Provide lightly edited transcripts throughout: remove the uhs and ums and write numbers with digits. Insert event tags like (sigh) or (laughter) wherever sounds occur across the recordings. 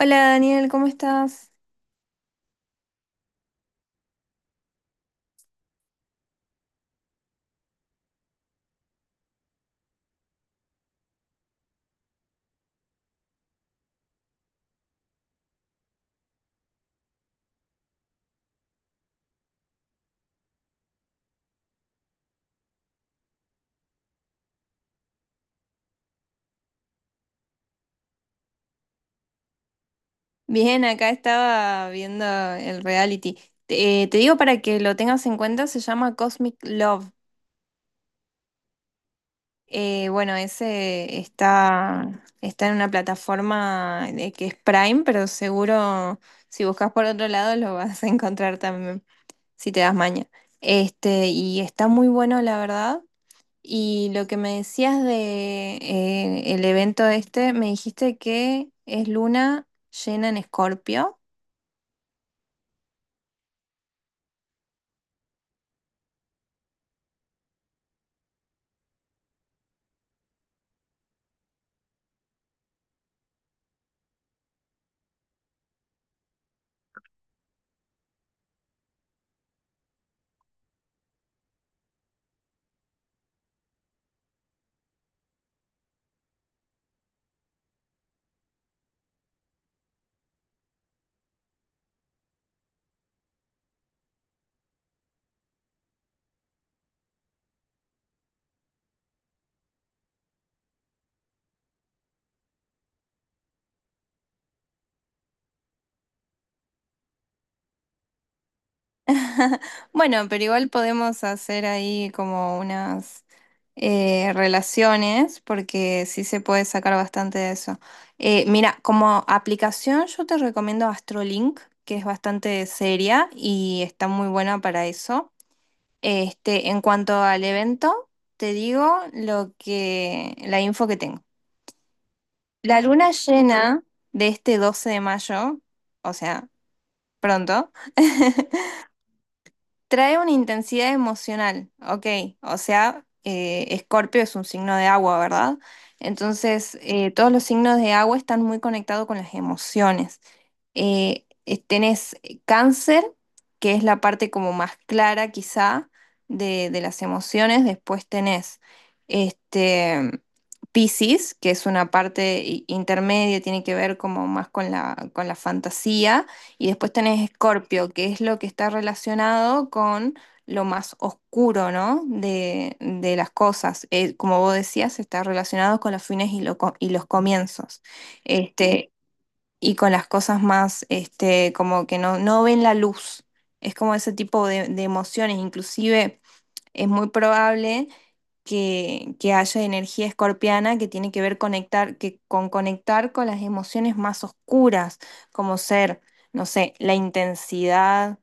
Hola Daniel, ¿cómo estás? Bien, acá estaba viendo el reality. Te digo para que lo tengas en cuenta, se llama Cosmic Love. Bueno, Ese está en una plataforma de- que es Prime, pero seguro si buscas por otro lado lo vas a encontrar también, si te das maña. Este, y está muy bueno, la verdad. Y lo que me decías de el evento este, me dijiste que es luna llena en Escorpio. (laughs) Bueno, pero igual podemos hacer ahí como unas relaciones, porque sí se puede sacar bastante de eso. Mira, como aplicación yo te recomiendo Astrolink, que es bastante seria y está muy buena para eso. Este, en cuanto al evento, te digo la info que tengo. La luna llena de este 12 de mayo, o sea, pronto. (laughs) Trae una intensidad emocional, ok. O sea, Escorpio es un signo de agua, ¿verdad? Entonces, todos los signos de agua están muy conectados con las emociones tenés cáncer, que es la parte como más clara quizá de las emociones. Después tenés este, Piscis, que es una parte intermedia, tiene que ver como más con con la fantasía. Y después tenés Escorpio, que es lo que está relacionado con lo más oscuro, ¿no? De las cosas. Como vos decías, está relacionado con los fines y los comienzos. Este, y con las cosas más, este, como que no ven la luz. Es como ese tipo de emociones. Inclusive es muy probable que haya energía escorpiana que tiene que ver con conectar con las emociones más oscuras, como ser, no sé, la intensidad,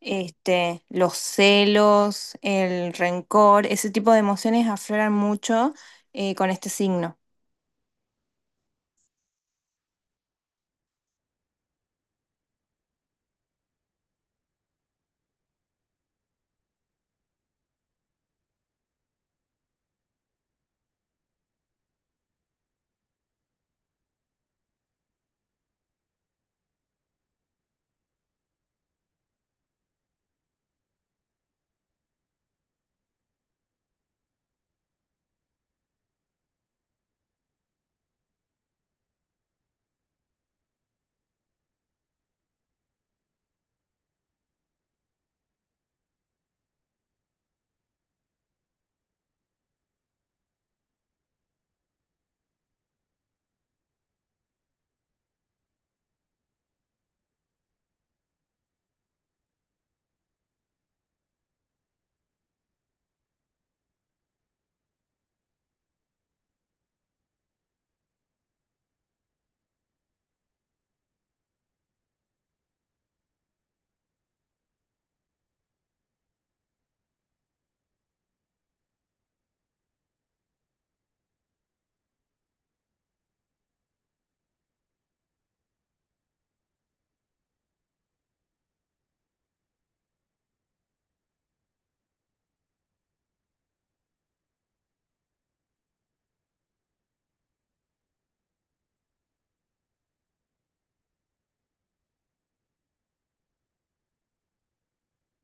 este, los celos, el rencor. Ese tipo de emociones afloran mucho con este signo.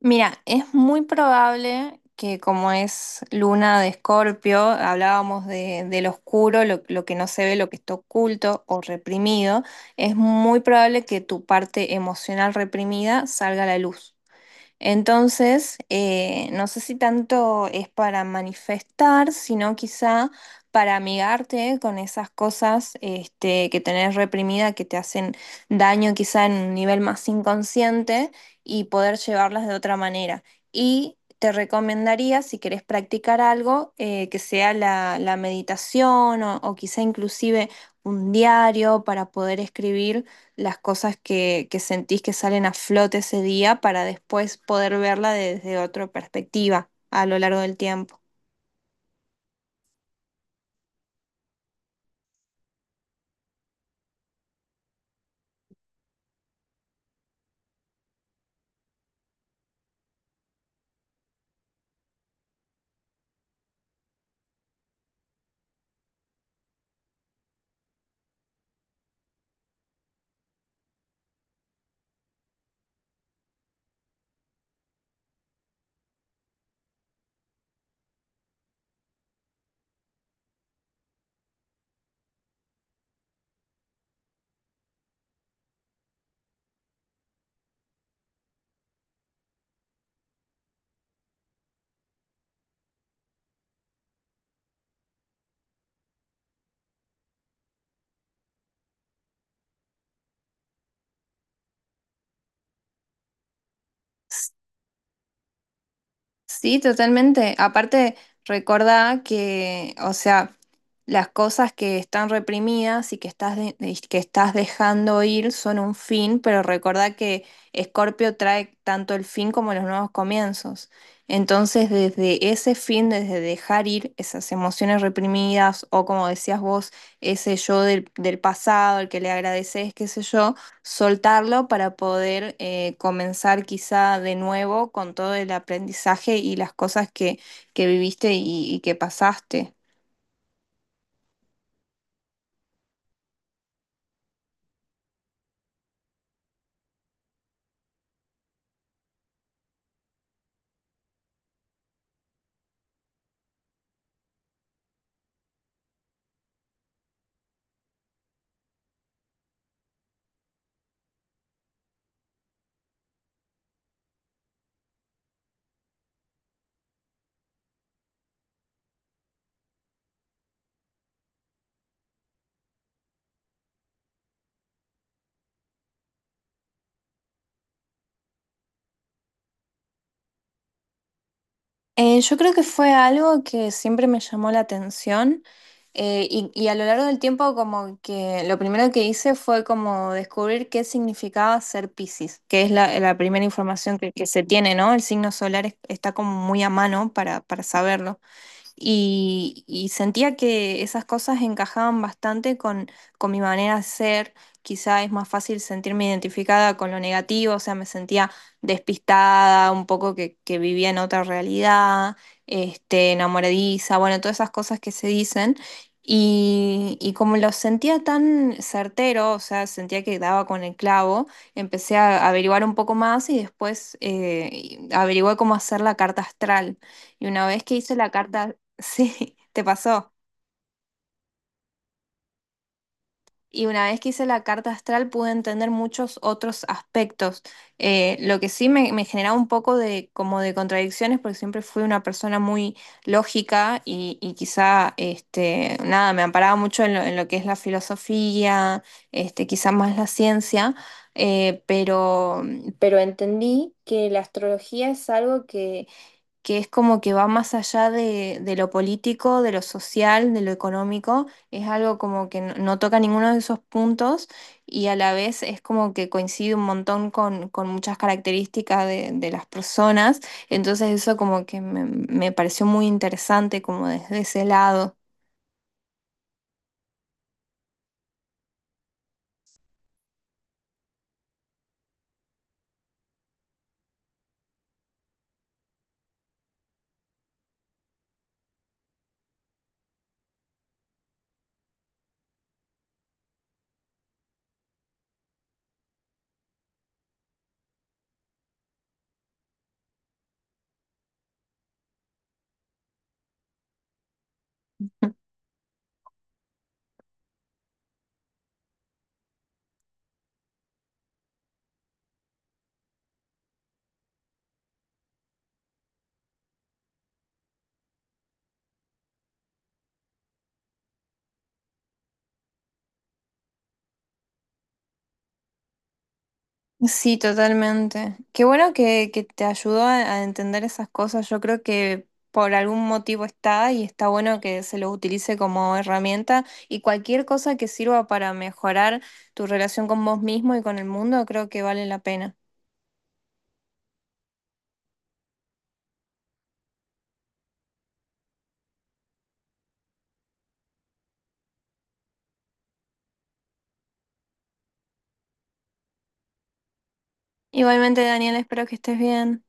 Mira, es muy probable que como es luna de Escorpio, hablábamos de lo oscuro, lo que no se ve, lo que está oculto o reprimido, es muy probable que tu parte emocional reprimida salga a la luz. Entonces, no sé si tanto es para manifestar, sino quizá para amigarte con esas cosas este, que tenés reprimida, que te hacen daño quizá en un nivel más inconsciente y poder llevarlas de otra manera. Y te recomendaría, si querés practicar algo, que sea la meditación o quizá inclusive un diario para poder escribir las cosas que sentís que salen a flote ese día para después poder verla desde otra perspectiva a lo largo del tiempo. Sí, totalmente. Aparte, recordá que, o sea, las cosas que están reprimidas y que que estás dejando ir son un fin, pero recordá que Escorpio trae tanto el fin como los nuevos comienzos. Entonces, desde ese fin, desde dejar ir esas emociones reprimidas o como decías vos, ese yo del pasado, el que le agradeces, qué sé yo soltarlo para poder comenzar quizá de nuevo con todo el aprendizaje y las cosas que viviste y que pasaste. Yo creo que fue algo que siempre me llamó la atención y a lo largo del tiempo como que lo primero que hice fue como descubrir qué significaba ser Piscis, que es la primera información que se tiene, ¿no? El signo solar está como muy a mano para saberlo. Y, y sentía que esas cosas encajaban bastante con mi manera de ser. Quizá es más fácil sentirme identificada con lo negativo, o sea, me sentía despistada, un poco que vivía en otra realidad, este, enamoradiza, bueno, todas esas cosas que se dicen. Y como lo sentía tan certero, o sea, sentía que daba con el clavo, empecé a averiguar un poco más y después averigué cómo hacer la carta astral. Y una vez que hice la carta, sí, (laughs) te pasó. Y una vez que hice la carta astral pude entender muchos otros aspectos. Lo que sí me generaba un poco de como de contradicciones porque siempre fui una persona muy lógica y quizá este, nada, me amparaba mucho en lo que es la filosofía, este, quizá más la ciencia, pero pero entendí que la astrología es algo que es como que va más allá de lo político, de lo social, de lo económico, es algo como que no, no toca ninguno de esos puntos y a la vez es como que coincide un montón con muchas características de las personas, entonces eso como que me pareció muy interesante como desde ese lado. Sí, totalmente. Qué bueno que te ayudó a entender esas cosas. Yo creo que por algún motivo está y está bueno que se lo utilice como herramienta y cualquier cosa que sirva para mejorar tu relación con vos mismo y con el mundo, creo que vale la pena. Igualmente, Daniel, espero que estés bien.